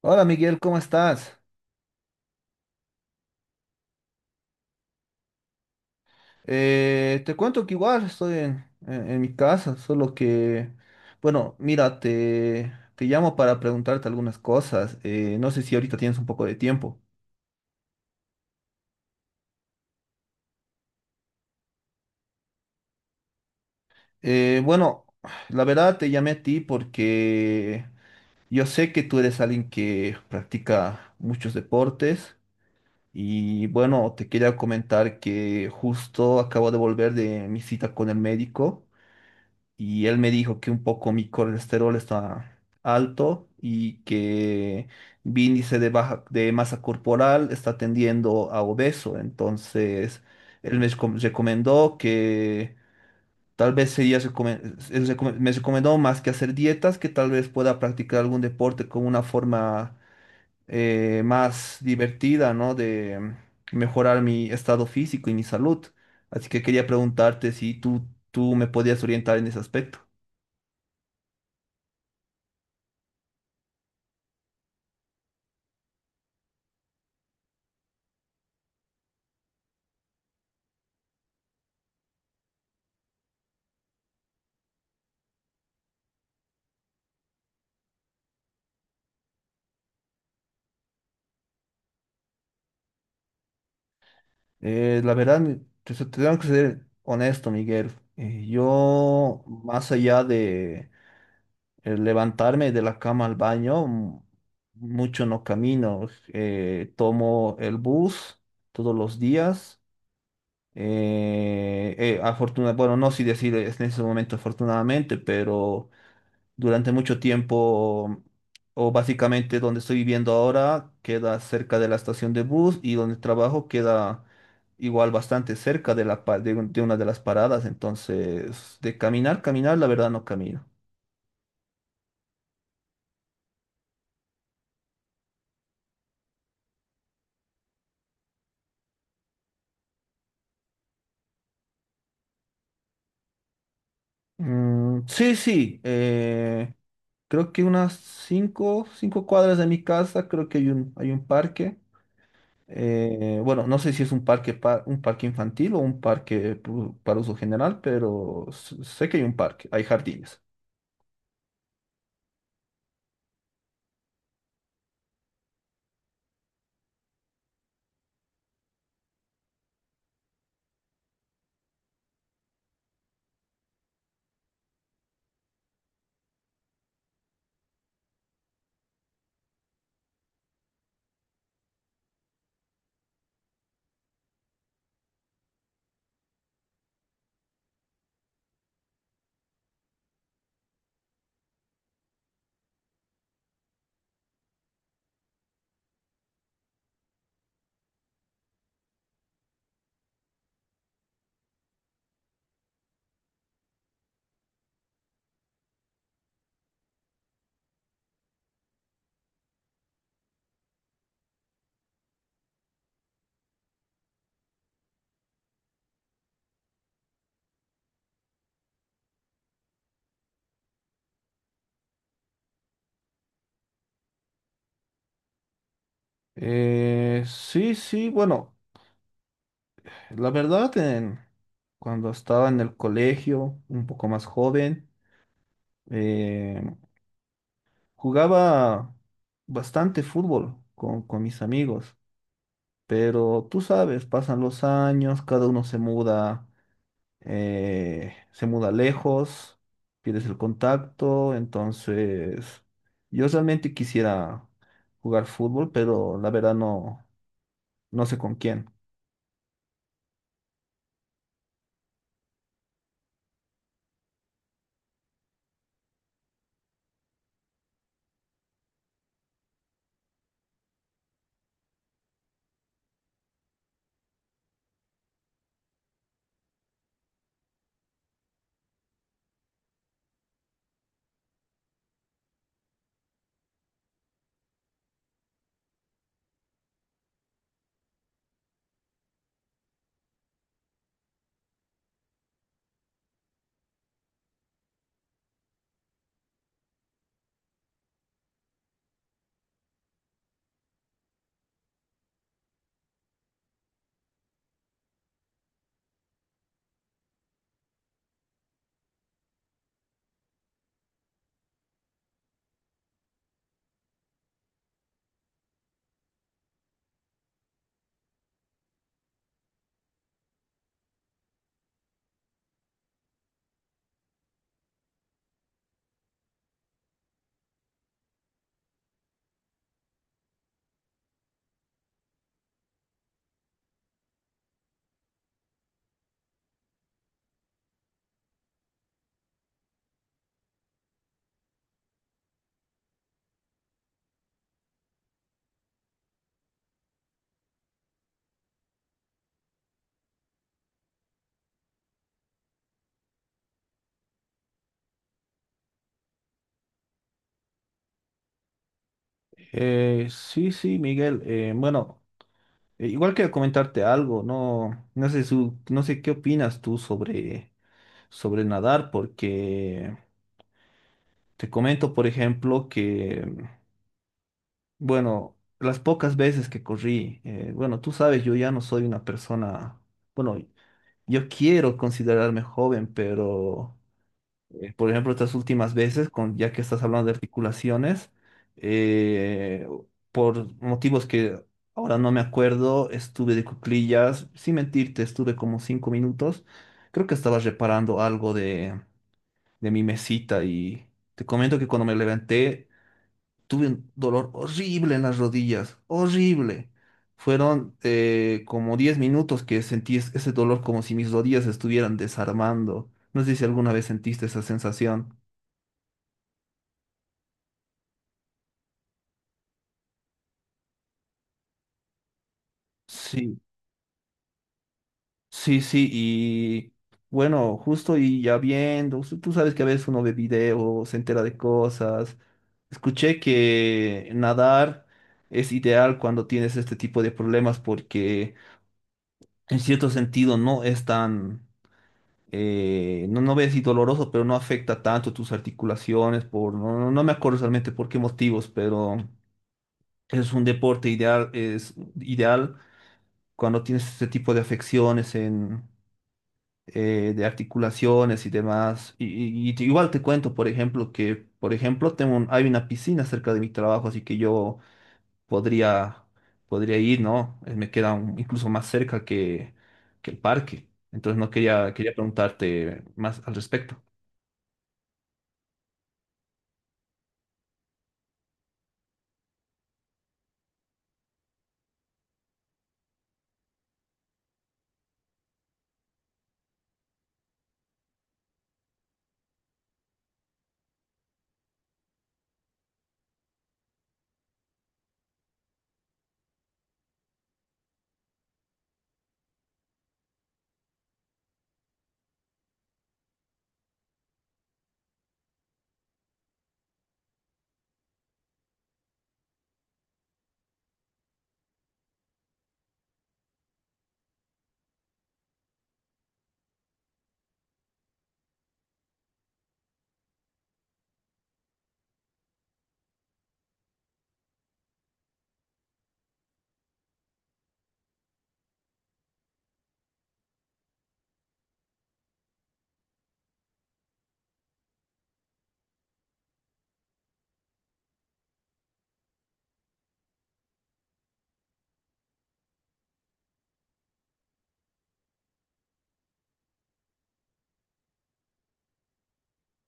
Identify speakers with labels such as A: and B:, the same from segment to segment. A: Hola Miguel, ¿cómo estás? Te cuento que igual estoy en mi casa, solo que, bueno, mira, te llamo para preguntarte algunas cosas. No sé si ahorita tienes un poco de tiempo. Bueno, la verdad te llamé a ti porque yo sé que tú eres alguien que practica muchos deportes y bueno, te quería comentar que justo acabo de volver de mi cita con el médico. Y él me dijo que un poco mi colesterol está alto y que mi índice de baja de masa corporal está tendiendo a obeso. Entonces, él recomendó que tal vez sería recomen- me recomendó, más que hacer dietas, que tal vez pueda practicar algún deporte como una forma más divertida, ¿no? De mejorar mi estado físico y mi salud. Así que quería preguntarte si tú me podías orientar en ese aspecto. Eh, la verdad, mi- Te tengo que ser honesto, Miguel. Yo, más allá de levantarme de la cama al baño, mucho no camino. Tomo el bus todos los días. Bueno, no sé si decir es en ese momento afortunadamente, pero durante mucho tiempo, o básicamente donde estoy viviendo ahora, queda cerca de la estación de bus y donde trabajo queda igual bastante cerca de la, pa- de, un- de una de las paradas. Entonces, de caminar, caminar, la verdad no camino. Mm, sí, sí, creo que unas 5 cuadras de mi casa, creo que hay hay un parque. Bueno, no sé si es un parque infantil o un para uso general, pero sé que hay un parque, hay jardines. Sí, sí, bueno, la verdad, en- cuando estaba en el colegio, un poco más joven, eh, jugaba bastante fútbol con mis amigos, pero tú sabes, pasan los años, cada uno se muda lejos, pierdes el contacto, entonces yo realmente quisiera jugar fútbol, pero la verdad no, no sé con quién. Sí, sí, Miguel. Bueno, igual quiero comentarte algo, no, no sé, no sé qué opinas tú sobre nadar, porque te comento, por ejemplo, que, bueno, las pocas veces que corrí, bueno, tú sabes, yo ya no soy una persona, bueno, yo quiero considerarme joven, pero... Por ejemplo, estas últimas veces, con, ya que estás hablando de articulaciones, eh, por motivos que ahora no me acuerdo, estuve de cuclillas, sin mentirte, estuve como 5 minutos. Creo que estaba reparando algo de mi mesita y te comento que cuando me levanté tuve un dolor horrible en las rodillas, horrible. Fueron como 10 minutos que sentí ese dolor como si mis rodillas se estuvieran desarmando. No sé si alguna vez sentiste esa sensación. Sí, sí, sí, y bueno, justo y ya viendo, tú sabes que a veces uno ve videos, se entera de cosas. Escuché que nadar es ideal cuando tienes este tipo de problemas porque en cierto sentido no es tan, no, no ves si doloroso, pero no afecta tanto tus articulaciones, por, no, no me acuerdo realmente por qué motivos, pero es un deporte ideal, es ideal cuando tienes este tipo de afecciones en de articulaciones y demás. Y, y igual te cuento, por ejemplo, que, por ejemplo, hay una piscina cerca de mi trabajo, así que yo podría, podría ir, ¿no? Me queda incluso más cerca que el parque. Entonces no quería, quería preguntarte más al respecto.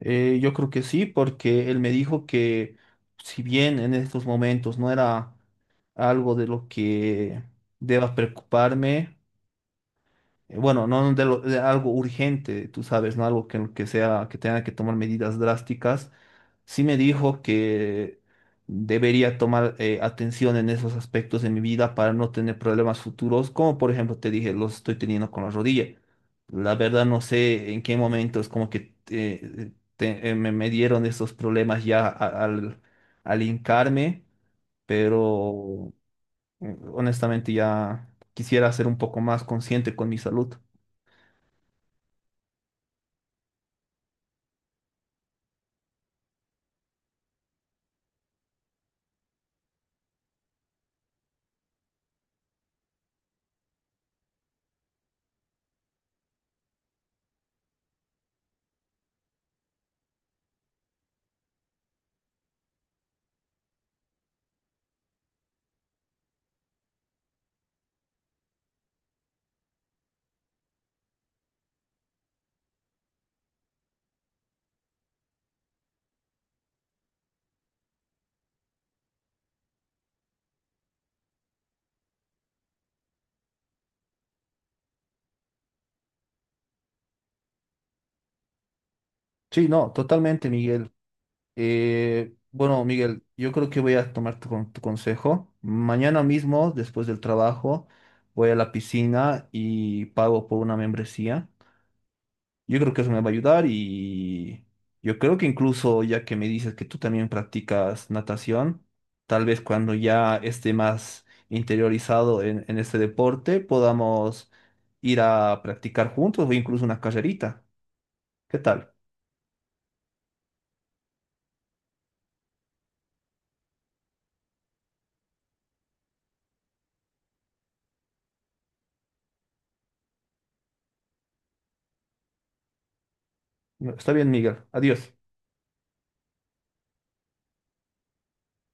A: Yo creo que sí, porque él me dijo que si bien en estos momentos no era algo de lo que deba preocuparme, bueno, no de, lo- de algo urgente, tú sabes, ¿no? Algo que sea, que tenga que tomar medidas drásticas, sí me dijo que debería tomar atención en esos aspectos de mi vida para no tener problemas futuros, como por ejemplo te dije, los estoy teniendo con la rodilla. La verdad no sé en qué momento es como que me dieron esos problemas ya al hincarme, pero honestamente ya quisiera ser un poco más consciente con mi salud. Sí, no, totalmente, Miguel. Bueno, Miguel, yo creo que voy a tomar tu consejo. Mañana mismo, después del trabajo, voy a la piscina y pago por una membresía. Yo creo que eso me va a ayudar y yo creo que incluso ya que me dices que tú también practicas natación, tal vez cuando ya esté más interiorizado en este deporte, podamos ir a practicar juntos o incluso una carrerita. ¿Qué tal? Está bien, Miguel. Adiós.